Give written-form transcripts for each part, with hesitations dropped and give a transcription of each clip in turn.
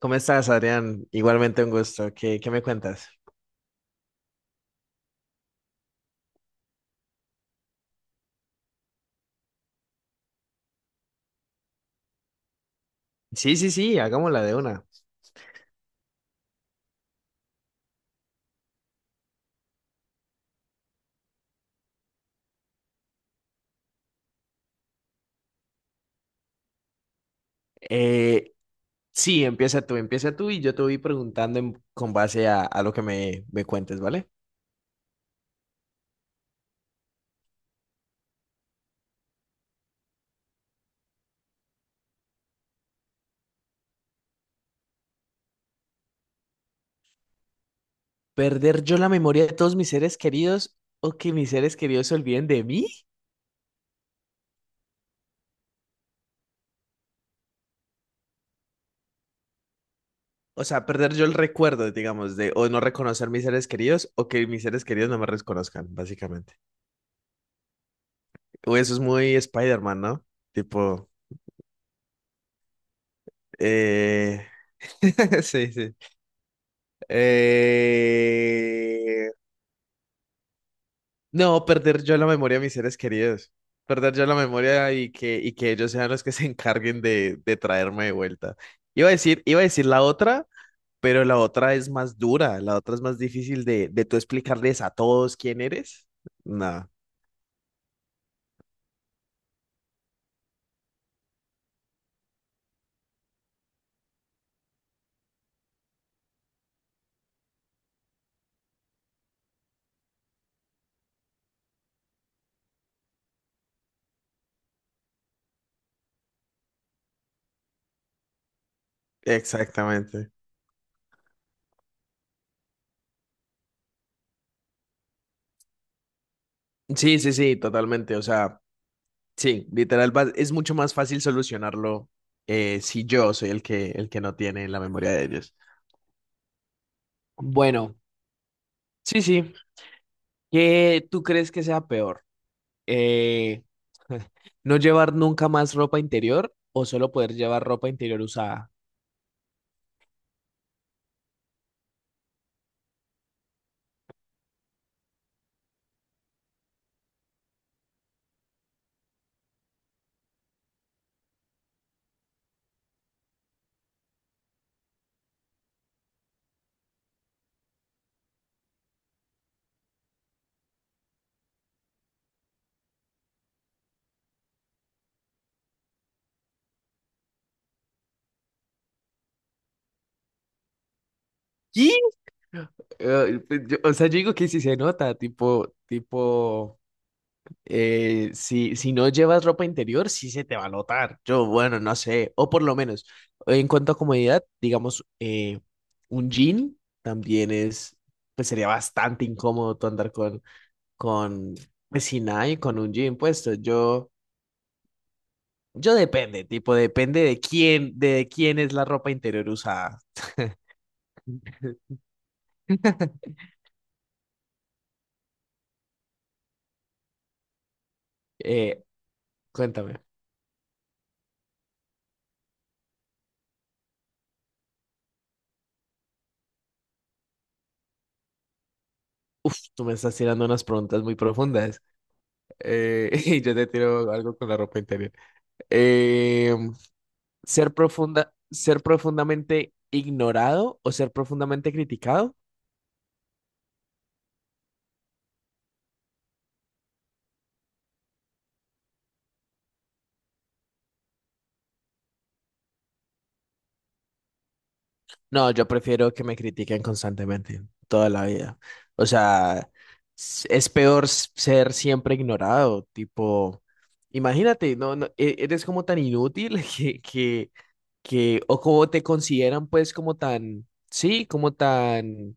¿Cómo estás, Adrián? Igualmente un gusto. ¿Qué me cuentas? Sí, sí, sí, hagámosla de una. Eh, sí, empieza tú y yo te voy preguntando con base a lo que me cuentes, ¿vale? ¿Perder yo la memoria de todos mis seres queridos o que mis seres queridos se olviden de mí? O sea, perder yo el recuerdo, digamos, de o no reconocer mis seres queridos o que mis seres queridos no me reconozcan, básicamente. O eso es muy Spider-Man, ¿no? Tipo, eh... sí, sí. Eh, No, perder yo la memoria de mis seres queridos. Perder yo la memoria y que ellos sean los que se encarguen de traerme de vuelta. Iba a decir la otra, pero la otra es más dura, la otra es más difícil de tú explicarles a todos quién eres. No, exactamente. Sí, sí, sí, totalmente. O sea, sí, literal, es mucho más fácil solucionarlo si yo soy el que no tiene la memoria de ellos. Bueno, sí, sí. ¿Qué tú crees que sea peor? eh, no llevar nunca más ropa interior o solo poder llevar ropa interior usada. ¿Y? Pues, o sea, yo digo que si se nota, tipo, tipo, si, si no llevas ropa interior, sí se te va a notar. Yo, bueno, no sé, o por lo menos, en cuanto a comodidad, digamos, un jean también es, pues sería bastante incómodo tú andar con, pues sin nada y con un jean puesto. Yo... Yo depende, tipo, depende de quién es la ropa interior usada. Eh, cuéntame. Uf, tú me estás tirando unas preguntas muy profundas. Y yo te tiro algo con la ropa interior. Eh, ser profundamente ignorado o ser profundamente criticado. No, yo prefiero que me critiquen constantemente, toda la vida. O sea, es peor ser siempre ignorado, tipo, imagínate, no, no, eres como tan inútil o como te consideran pues como tan, sí, como tan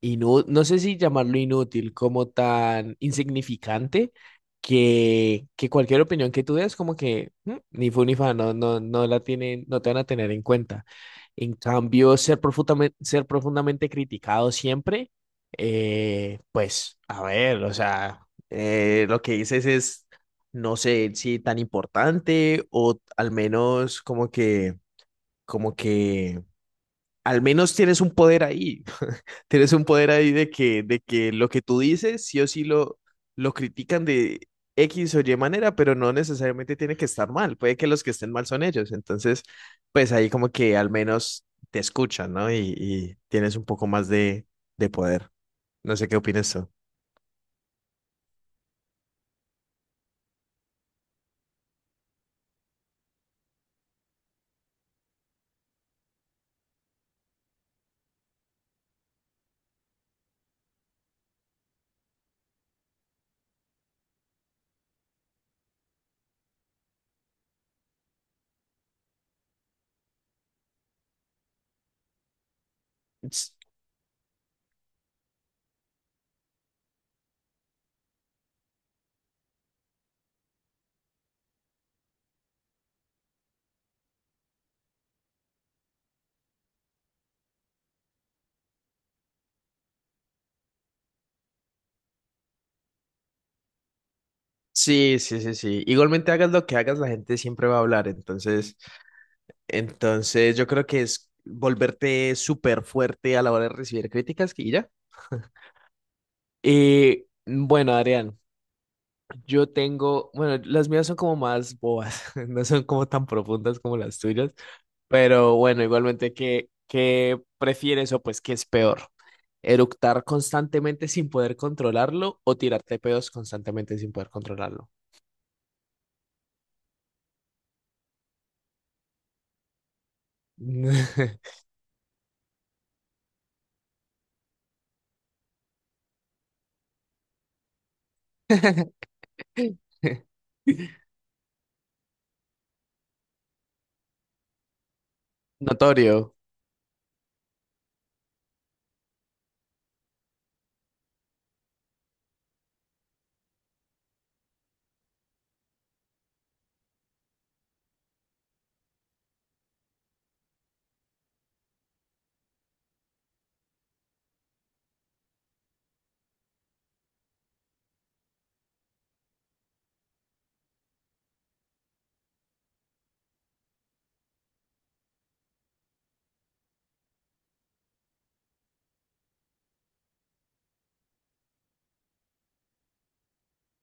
no no sé si llamarlo inútil, como tan insignificante que cualquier opinión que tú des, como que "Mm, ni fu ni fa, no, no, no la tienen, no te van a tener en cuenta". En cambio, ser profundamente criticado siempre, pues, a ver, o sea, lo que dices es, no sé si tan importante o al menos como que al menos tienes un poder ahí. Tienes un poder ahí de de que lo que tú dices, sí o sí lo critican de X o Y manera, pero no necesariamente tiene que estar mal. Puede que los que estén mal son ellos. Entonces, pues ahí como que al menos te escuchan, ¿no? Y tienes un poco más de poder. No sé qué opinas tú. S- Sí, sí, sí, sí. Igualmente hagas lo que hagas, la gente siempre va a hablar. Entonces yo creo que es volverte súper fuerte a la hora de recibir críticas y ya. Y bueno, Adrián, yo tengo, bueno, las mías son como más bobas, no son como tan profundas como las tuyas, pero bueno, igualmente, qué prefieres o pues qué es peor? ¿Eructar constantemente sin poder controlarlo o tirarte pedos constantemente sin poder controlarlo? Notorio.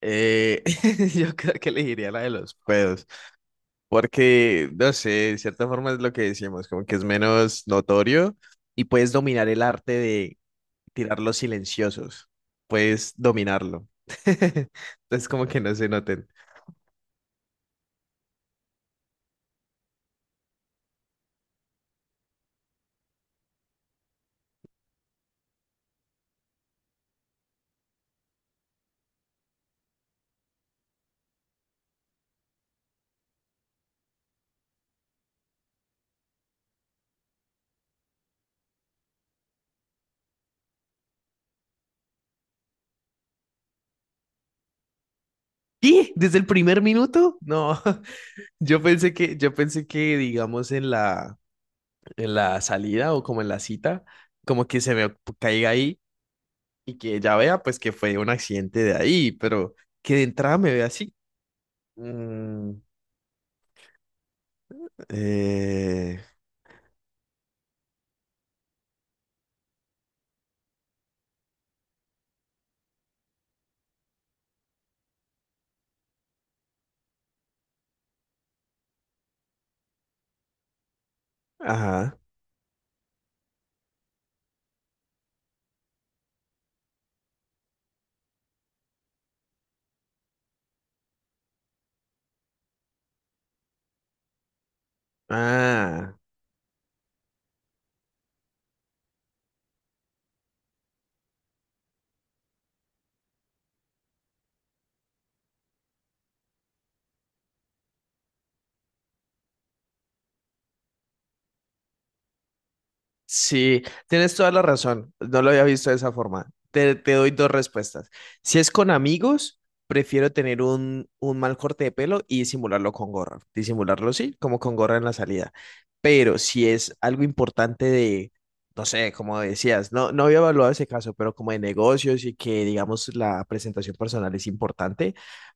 Eh, yo creo que elegiría la de los pedos, porque, no sé, de cierta forma es lo que decimos, como que es menos notorio y puedes dominar el arte de tirar los silenciosos, puedes dominarlo. Entonces, como que no se noten. ¿Y? ¿Desde el primer minuto? No, yo pensé que, digamos, en la salida o como en la cita, como que se me caiga ahí y que ya vea, pues, que fue un accidente de ahí, pero que de entrada me vea así. Mm, eh, ajá. Ah, sí, tienes toda la razón. No lo había visto de esa forma. Te doy dos respuestas. Si es con amigos, prefiero tener un mal corte de pelo y disimularlo con gorra. Disimularlo, sí, como con gorra en la salida. Pero si es algo importante de, no sé, como decías, no, no había evaluado ese caso, pero como de negocios y que, digamos, la presentación personal es importante,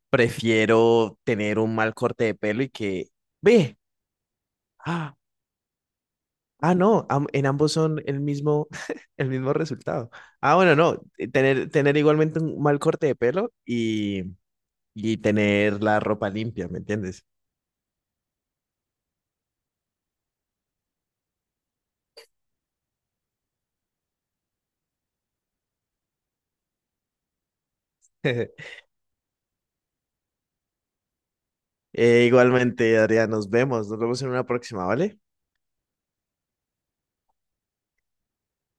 prefiero tener un mal corte de pelo y que, ve, ¡ah! Ah, no, en ambos son el mismo, el mismo resultado. Ah, bueno, no, tener igualmente un mal corte de pelo y tener la ropa limpia, ¿me entiendes? Igualmente, Adrián, nos vemos en una próxima, ¿vale?